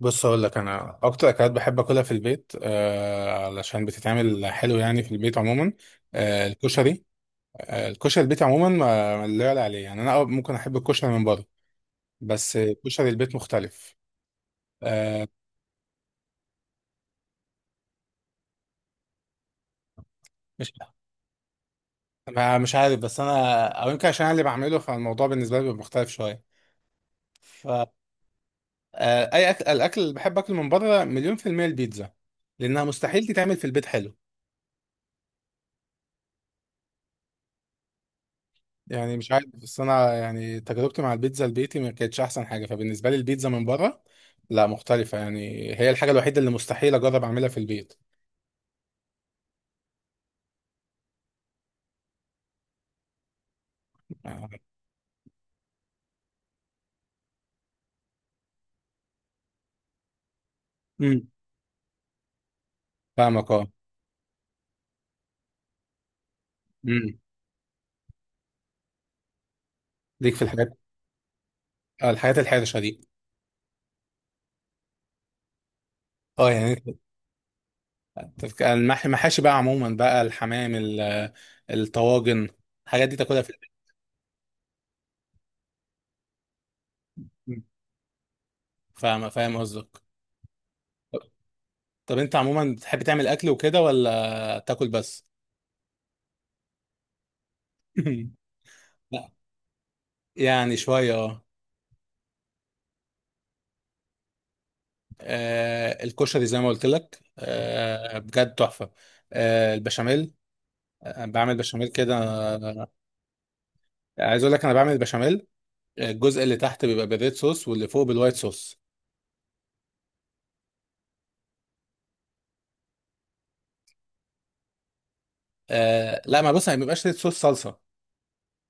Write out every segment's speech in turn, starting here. بص، اقول لك انا اكتر اكلات بحب اكلها في البيت علشان بتتعمل حلو، يعني في البيت عموما. آه الكشري الكشري البيت عموما، ما لا يعلى عليه. يعني انا ممكن احب الكشري من بره، بس كشري البيت مختلف. آه مش مش عارف، بس انا، او يمكن عشان انا اللي بعمله، فالموضوع بالنسبه لي بيبقى مختلف شويه. ف اي اكل الاكل اللي بحب اكله من بره مليون في الميه البيتزا، لانها مستحيل تتعمل في البيت حلو. يعني مش عارف، بس انا يعني تجربتي مع البيتزا البيتي ما كانتش احسن حاجه، فبالنسبه لي البيتزا من بره، لا، مختلفه يعني. هي الحاجه الوحيده اللي مستحيل اجرب اعملها في البيت. امم. فاهمك اه. امم ليك في الحاجات، الحاجات الحرشه دي. اه، يعني المحاشي بقى عموما، بقى الحمام الطواجن، الحاجات دي تاكلها في البيت؟ مم. فاهم فاهم قصدك. طب انت عموما بتحب تعمل اكل وكده ولا تاكل بس؟ لا، يعني شويه اه. الكشري زي ما قلت لك، بجد تحفة. البشاميل. بعمل بشاميل كده، عايز اقول لك انا بعمل البشاميل. الجزء اللي تحت بيبقى بالريد صوص، واللي فوق بالوايت صوص. لا، ما بص، ما بيبقاش ريد صوص صلصة.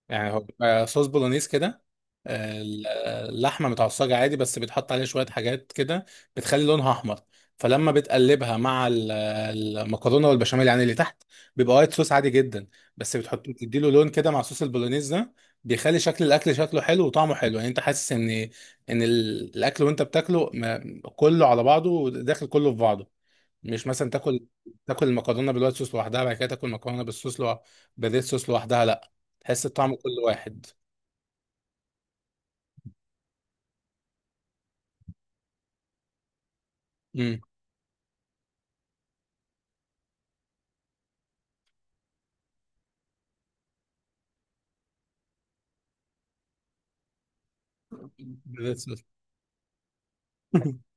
يعني هو بيبقى صوص بولونيز كده. آه، ال- اللحمه متعصجه عادي، بس بيتحط عليها شويه حاجات كده بتخلي لونها احمر. فلما بتقلبها مع المكرونه والبشاميل، يعني اللي تحت بيبقى وايت صوص عادي جدا. بس بتحط، بتديله لون كده مع صوص البولونيز ده، بيخلي شكل الاكل شكله حلو وطعمه حلو. يعني انت حاسس ان ان الاكل وانت بتاكله كله على بعضه، داخل كله في بعضه. مش مثلا تاكل المكرونه بالوايت صوص لوحدها، بعد كده تاكل مكرونه بالصوص بالريد صوص لوحدها. لا، تحس الطعم كل واحد. امم بالريد صوص.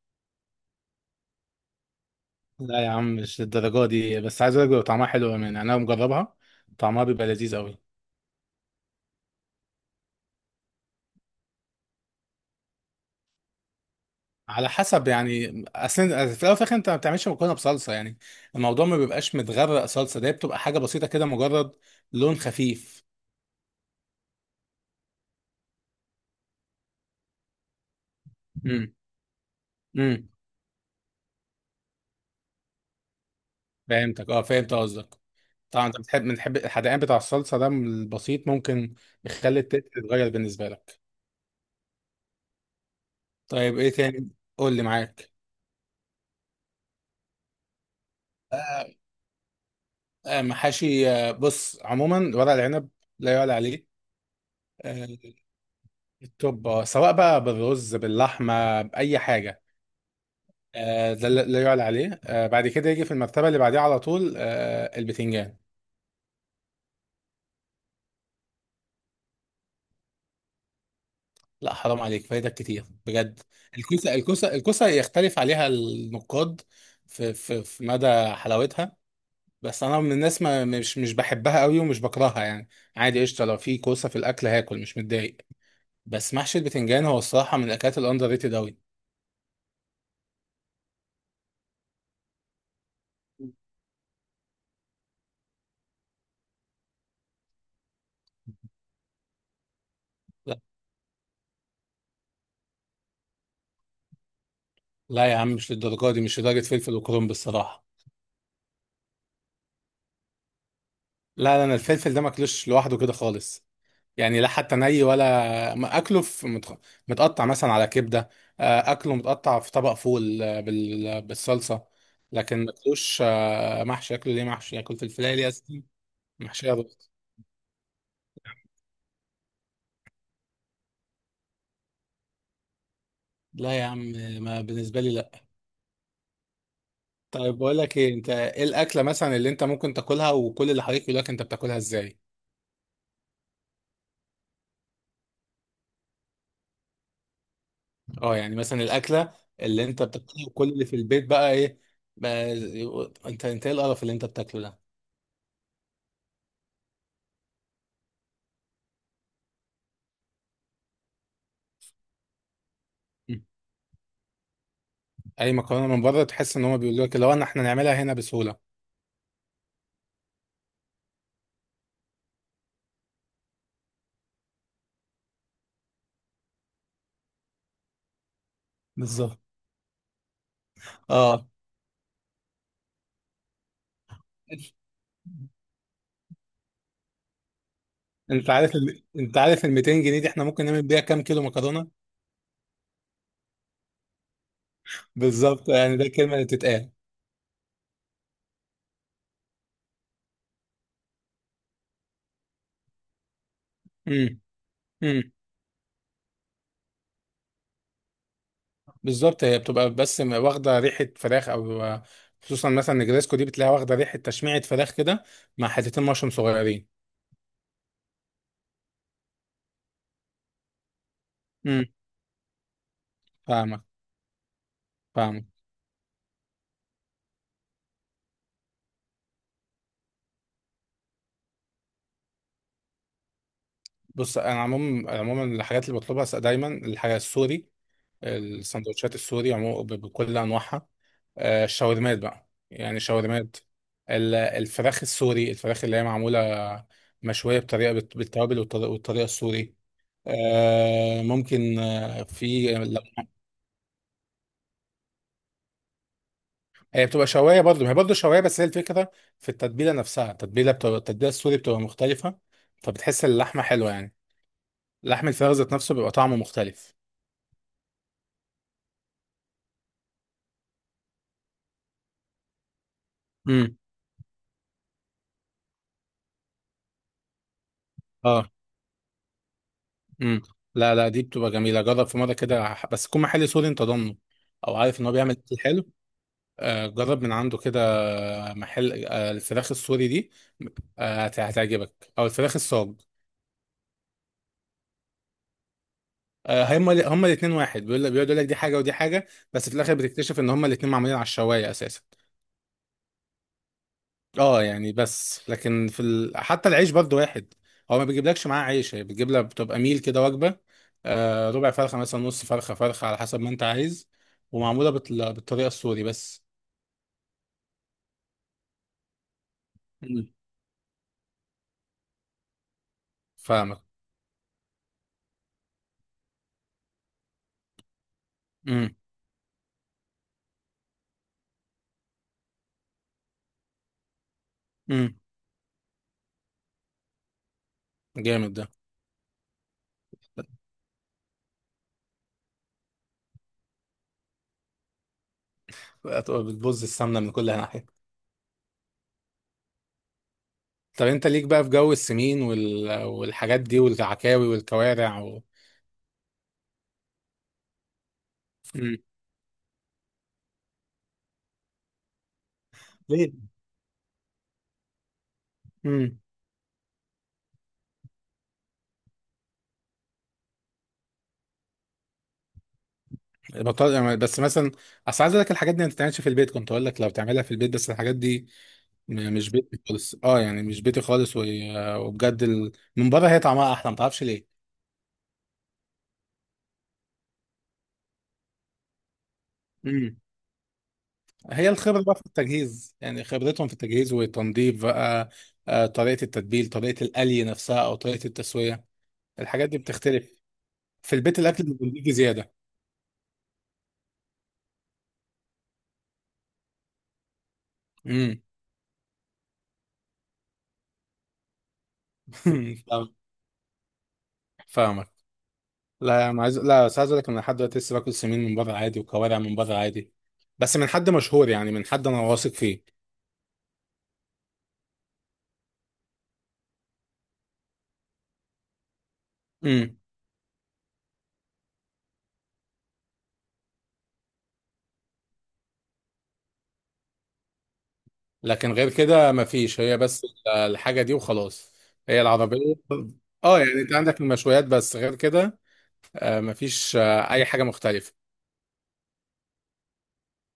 لا يا عم، مش للدرجه دي. بس عايز اقول لك بيبقى طعمها حلو، يعني انا مجربها. طعمها بيبقى لذيذ قوي. على حسب يعني، اصل في الاول وفي الاخر انت ما بتعملش مكرونه بصلصه. يعني الموضوع ما بيبقاش متغرق صلصه، ده بتبقى حاجه بسيطه كده، مجرد لون خفيف. امم، امم، فهمتك اه، فهمت قصدك. طبعا، انت بنحب الحدقان بتاع الصلصه ده، من البسيط ممكن يخلي التيست يتغير بالنسبه لك. طيب، ايه تاني؟ قول لي معاك. آه، محاشي، بص، عموما ورق العنب لا يعلى عليه. آه، التوب، سواء بقى بالرز باللحمه باي حاجه، ده لا يعلى عليه. بعد كده يجي في المرتبه اللي بعديها على طول، البتنجان. لا حرام عليك، فايدك كتير بجد. الكوسه يختلف عليها النقاد في مدى حلاوتها. بس انا من الناس، ما مش مش بحبها قوي ومش بكرهها يعني. عادي، قشطه، لو في كوسه في الاكل هاكل مش متضايق. بس محشي البتنجان هو الصراحه من الاكلات الاندر ريتد قوي. لا، لا يا عم، مش للدرجه دي، مش لدرجه فلفل وكرنب الصراحه. لا، لا، انا الفلفل ده ماكلوش لوحده كده خالص. يعني لا، حتى ني، ولا ما اكله في متقطع مثلا على كبده. اكله متقطع في طبق فول، بالصلصه. لكن ماكلوش محشي. اكله ليه محشي؟ اكل فلفلايه ليه أساساً؟ محشيه رز. لا يا عم، ما بالنسبه لي. طيب، بقول لك ايه، انت ايه الاكله مثلا اللي انت ممكن تاكلها وكل اللي حواليك يقول لك انت بتاكلها ازاي؟ اه يعني، مثلا الاكله اللي انت بتاكلها وكل اللي في البيت بقى ايه؟ بقى انت ايه القرف اللي انت بتاكله ده؟ مم. اي مكرونه من بره تحس ان هم بيقولوا لك، لو احنا نعملها هنا بسهوله. بالظبط اه. انت انت عارف ال 200 جنيه دي، احنا ممكن نعمل بيها كام كيلو مكرونه؟ بالظبط، يعني ده الكلمه اللي بتتقال. امم بالظبط، هي بتبقى بس، واخده ريحه فراخ، او خصوصا مثلا نجريسكو دي بتلاقيها واخده ريحه تشميعه فراخ كده، مع حتتين مشروم صغيرين. امم، فاهمك، فاهمك. بص، انا عموما عموما، الحاجات اللي بطلبها دايما الحاجه السوري. السندوتشات السوري عموما، بكل انواعها. الشاورمات بقى، يعني الشاورمات. الفراخ السوري، الفراخ اللي هي معموله مشويه بالتوابل والطريقه السوري. ممكن في. هي بتبقى شوايه برضه، ما هي برضه شوايه، بس هي الفكره في التتبيله نفسها. التتبيله بتبقى التتبيله السوري، بتبقى مختلفه. فبتحس اللحمه حلوه يعني. لحم الفراخ ذات نفسه بيبقى طعمه مختلف. امم، اه، امم. لا، لا، دي بتبقى جميله، جرب في مره كده بس تكون محل سوري انت ضامنه. او عارف ان هو بيعمل اكل حلو. جرب من عنده كده، محل الفراخ السوري دي. هتعجبك، او الفراخ الصاج. هم الاثنين واحد، بيقول لك بيقعد يقول لك دي حاجه ودي حاجه. بس في الاخر بتكتشف ان هم الاثنين معمولين على الشوايه اساسا. اه يعني، بس لكن حتى العيش برضو واحد. هو ما بيجيبلكش معاه عيش، هي بتجيب لك، بتبقى ميل كده، وجبه. ربع فرخه، مثلا، نص فرخه، فرخه، على حسب ما انت عايز. ومعموله بالطريقه السوري بس. مم. فاهمك. امم امم جامد ده. هتبقى بتبوظ السمنه من كل ناحيه. طب، انت ليك بقى في جو السمين والحاجات دي والعكاوي والكوارع و... امم ليه؟ بطل يعني. بس مثلا، اصل عايز اقول لك الحاجات دي ما بتتعملش في البيت، كنت اقول لك لو تعملها في البيت، بس الحاجات دي مش بيتي خالص، اه يعني مش بيتي خالص، وبجد من بره هي طعمها احلى، ما تعرفش ليه. امم هي الخبره بقى في التجهيز، يعني خبرتهم في التجهيز والتنظيف بقى. طريقه التتبيل، طريقه القلي نفسها، او طريقه التسويه، الحاجات دي بتختلف. في البيت الاكل بيجي زياده. امم. فاهمك. لا يا عم، عايز لا بس عايز اقول لك إن انا لحد دلوقتي لسه باكل سمين من بره عادي، وكوارع من بره عادي. بس من حد مشهور، يعني من حد انا واثق فيه. امم لكن غير كده ما فيش، هي بس الحاجه دي وخلاص. هي العربيه. اه يعني، انت عندك المشويات بس غير كده. ما فيش اي حاجه مختلفه.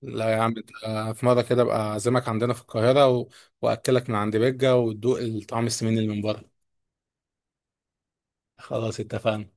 لا يا عم، انت في مره كده ابقى اعزمك عندنا في القاهره و... واكلك من عند بيجا وتدوق الطعم السمين اللي من بره. خلاص اتفقنا.